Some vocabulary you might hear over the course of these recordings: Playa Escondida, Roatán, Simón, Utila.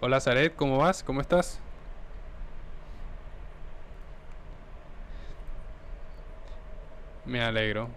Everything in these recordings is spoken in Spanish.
Hola Zaret, ¿cómo vas? ¿Cómo estás? Me alegro,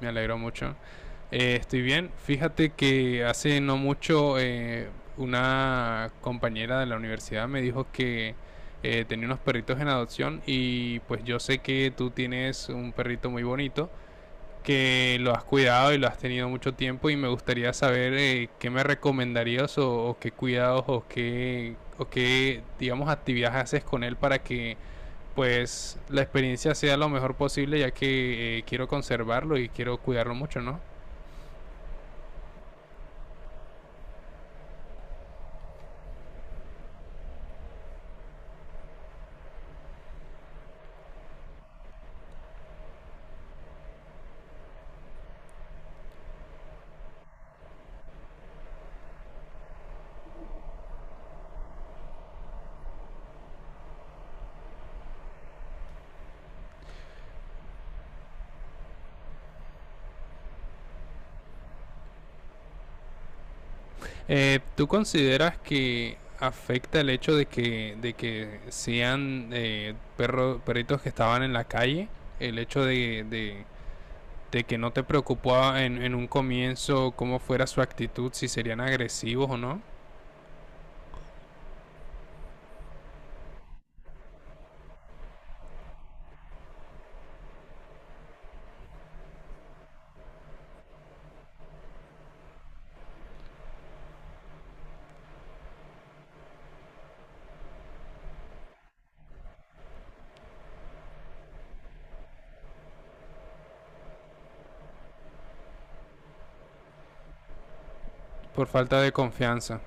me alegro mucho. Estoy bien. Fíjate que hace no mucho una compañera de la universidad me dijo que tenía unos perritos en adopción y pues yo sé que tú tienes un perrito muy bonito que lo has cuidado y lo has tenido mucho tiempo y me gustaría saber qué me recomendarías o qué cuidados o qué digamos actividades haces con él para que pues la experiencia sea lo mejor posible ya que quiero conservarlo y quiero cuidarlo mucho, ¿no? ¿Tú consideras que afecta el hecho de que sean perros, perritos que estaban en la calle? El hecho de que no te preocupaba en un comienzo cómo fuera su actitud, si serían agresivos o no, por falta de confianza.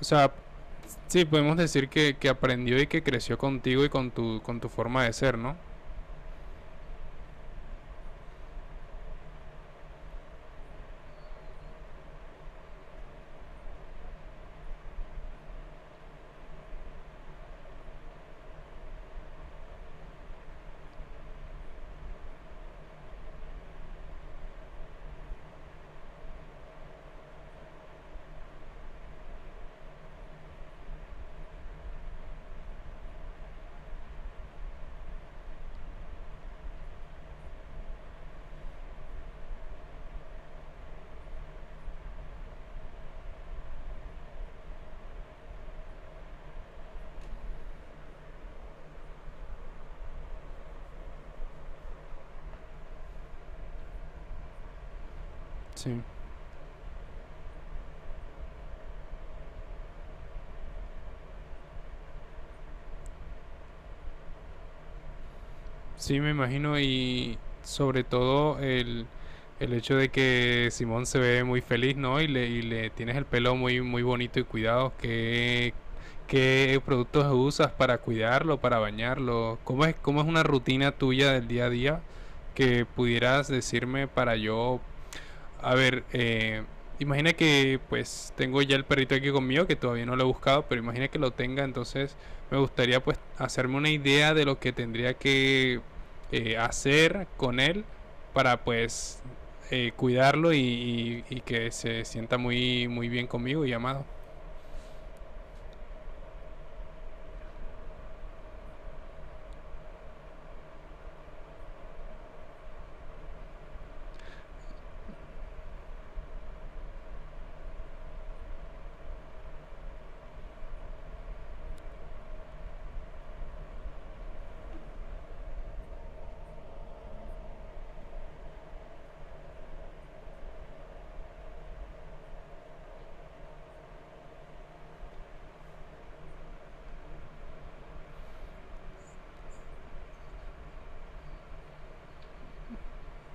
O sea, sí, podemos decir que aprendió y que creció contigo y con tu forma de ser, ¿no? Sí. Sí, me imagino, y sobre todo el hecho de que Simón se ve muy feliz, ¿no? Y le tienes el pelo muy, muy bonito y cuidado. ¿Qué, qué productos usas para cuidarlo, para bañarlo? Cómo es una rutina tuya del día a día que pudieras decirme para yo a ver, imagina que pues tengo ya el perrito aquí conmigo, que todavía no lo he buscado, pero imagina que lo tenga, entonces me gustaría pues hacerme una idea de lo que tendría que hacer con él para pues cuidarlo y, y que se sienta muy, muy bien conmigo y amado.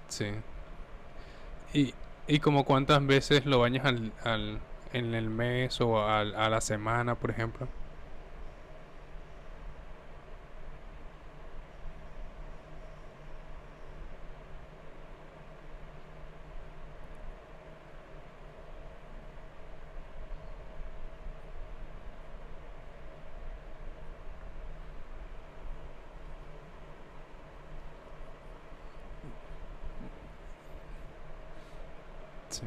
Sí. Y, y como cuántas veces lo bañas al, en el mes o a la semana, por ejemplo. Sí,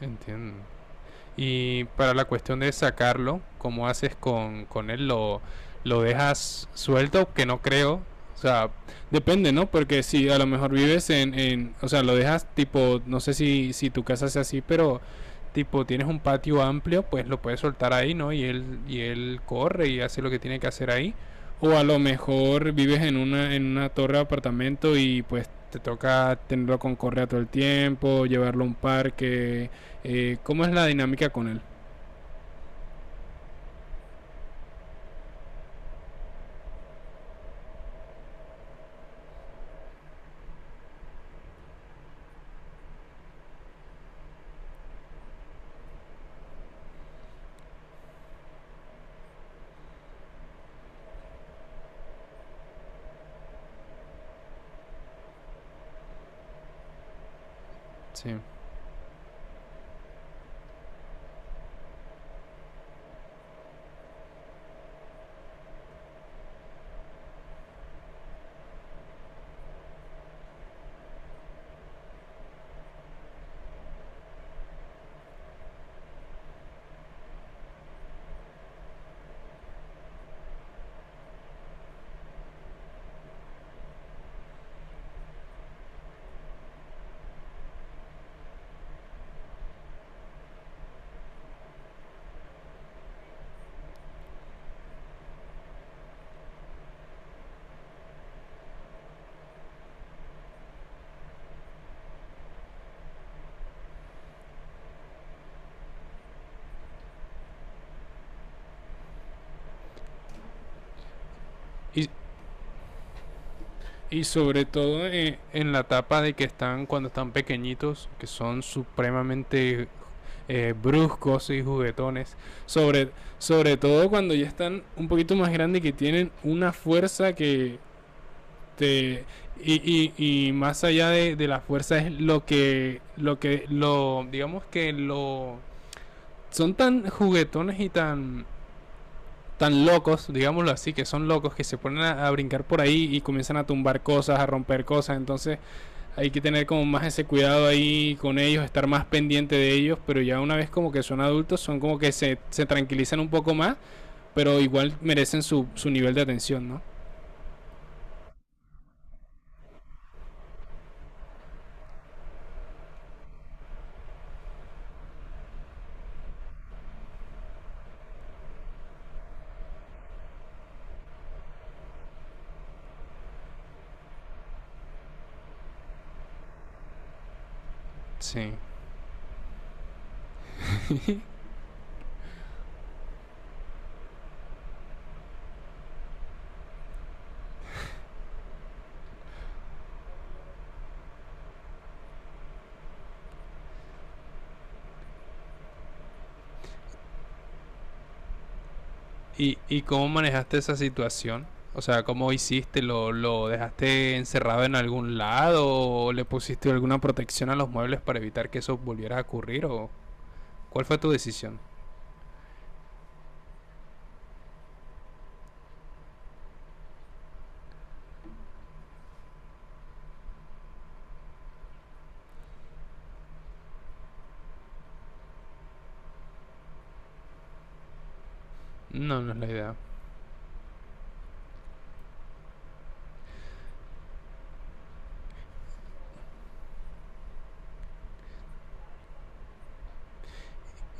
entiendo. Y para la cuestión de sacarlo, ¿cómo haces con él? ¿Lo dejas suelto? Que no creo. O sea, depende, ¿no? Porque si a lo mejor vives en, o sea, lo dejas tipo, no sé si, si tu casa sea así, pero tipo tienes un patio amplio, pues lo puedes soltar ahí, ¿no? Y él corre y hace lo que tiene que hacer ahí. O a lo mejor vives en una torre de apartamento y pues te toca tenerlo con correa todo el tiempo, llevarlo a un parque, cómo es la dinámica con él. Sí. Y, y sobre todo en la etapa de que están cuando están pequeñitos, que son supremamente bruscos y juguetones. Sobre, sobre todo cuando ya están un poquito más grandes, que tienen una fuerza que te... Y, y más allá de la fuerza es lo que, lo que, lo, digamos que lo... Son tan juguetones y tan tan locos, digámoslo así, que son locos, que se ponen a brincar por ahí y comienzan a tumbar cosas, a romper cosas. Entonces hay que tener como más ese cuidado ahí con ellos, estar más pendiente de ellos. Pero ya una vez como que son adultos, son como que se tranquilizan un poco más, pero igual merecen su, su nivel de atención, ¿no? Sí. ¿Y cómo manejaste esa situación? O sea, ¿cómo hiciste? ¿Lo dejaste encerrado en algún lado? ¿O le pusiste alguna protección a los muebles para evitar que eso volviera a ocurrir? ¿O ¿Cuál fue tu decisión? No, no es la idea.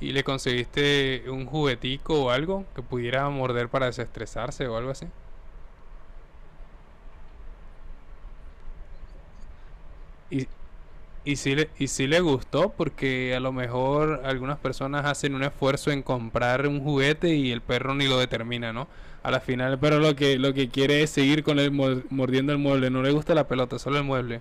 ¿Y le conseguiste un juguetico o algo que pudiera morder para desestresarse o algo así? Y, y sí le gustó, porque a lo mejor algunas personas hacen un esfuerzo en comprar un juguete y el perro ni lo determina, ¿no? A la final el perro lo que quiere es seguir con el mordiendo el mueble, no le gusta la pelota, solo el mueble.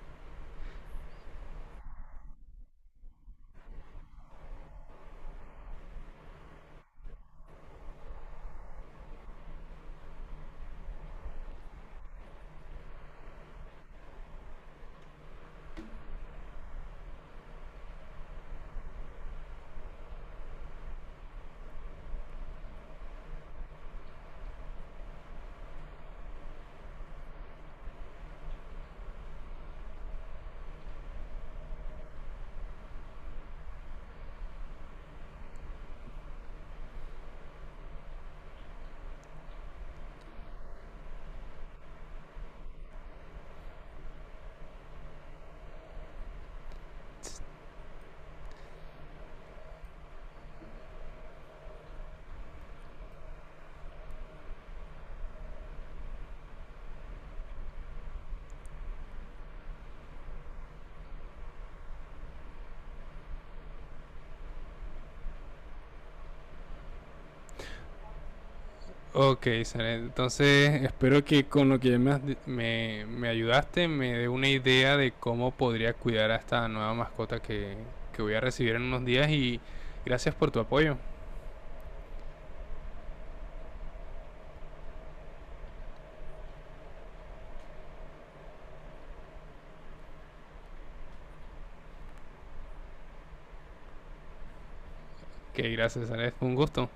Ok, Saret, entonces espero que con lo que me, me, me ayudaste me dé una idea de cómo podría cuidar a esta nueva mascota que voy a recibir en unos días, y gracias por tu apoyo. Que gracias, Saret, fue un gusto.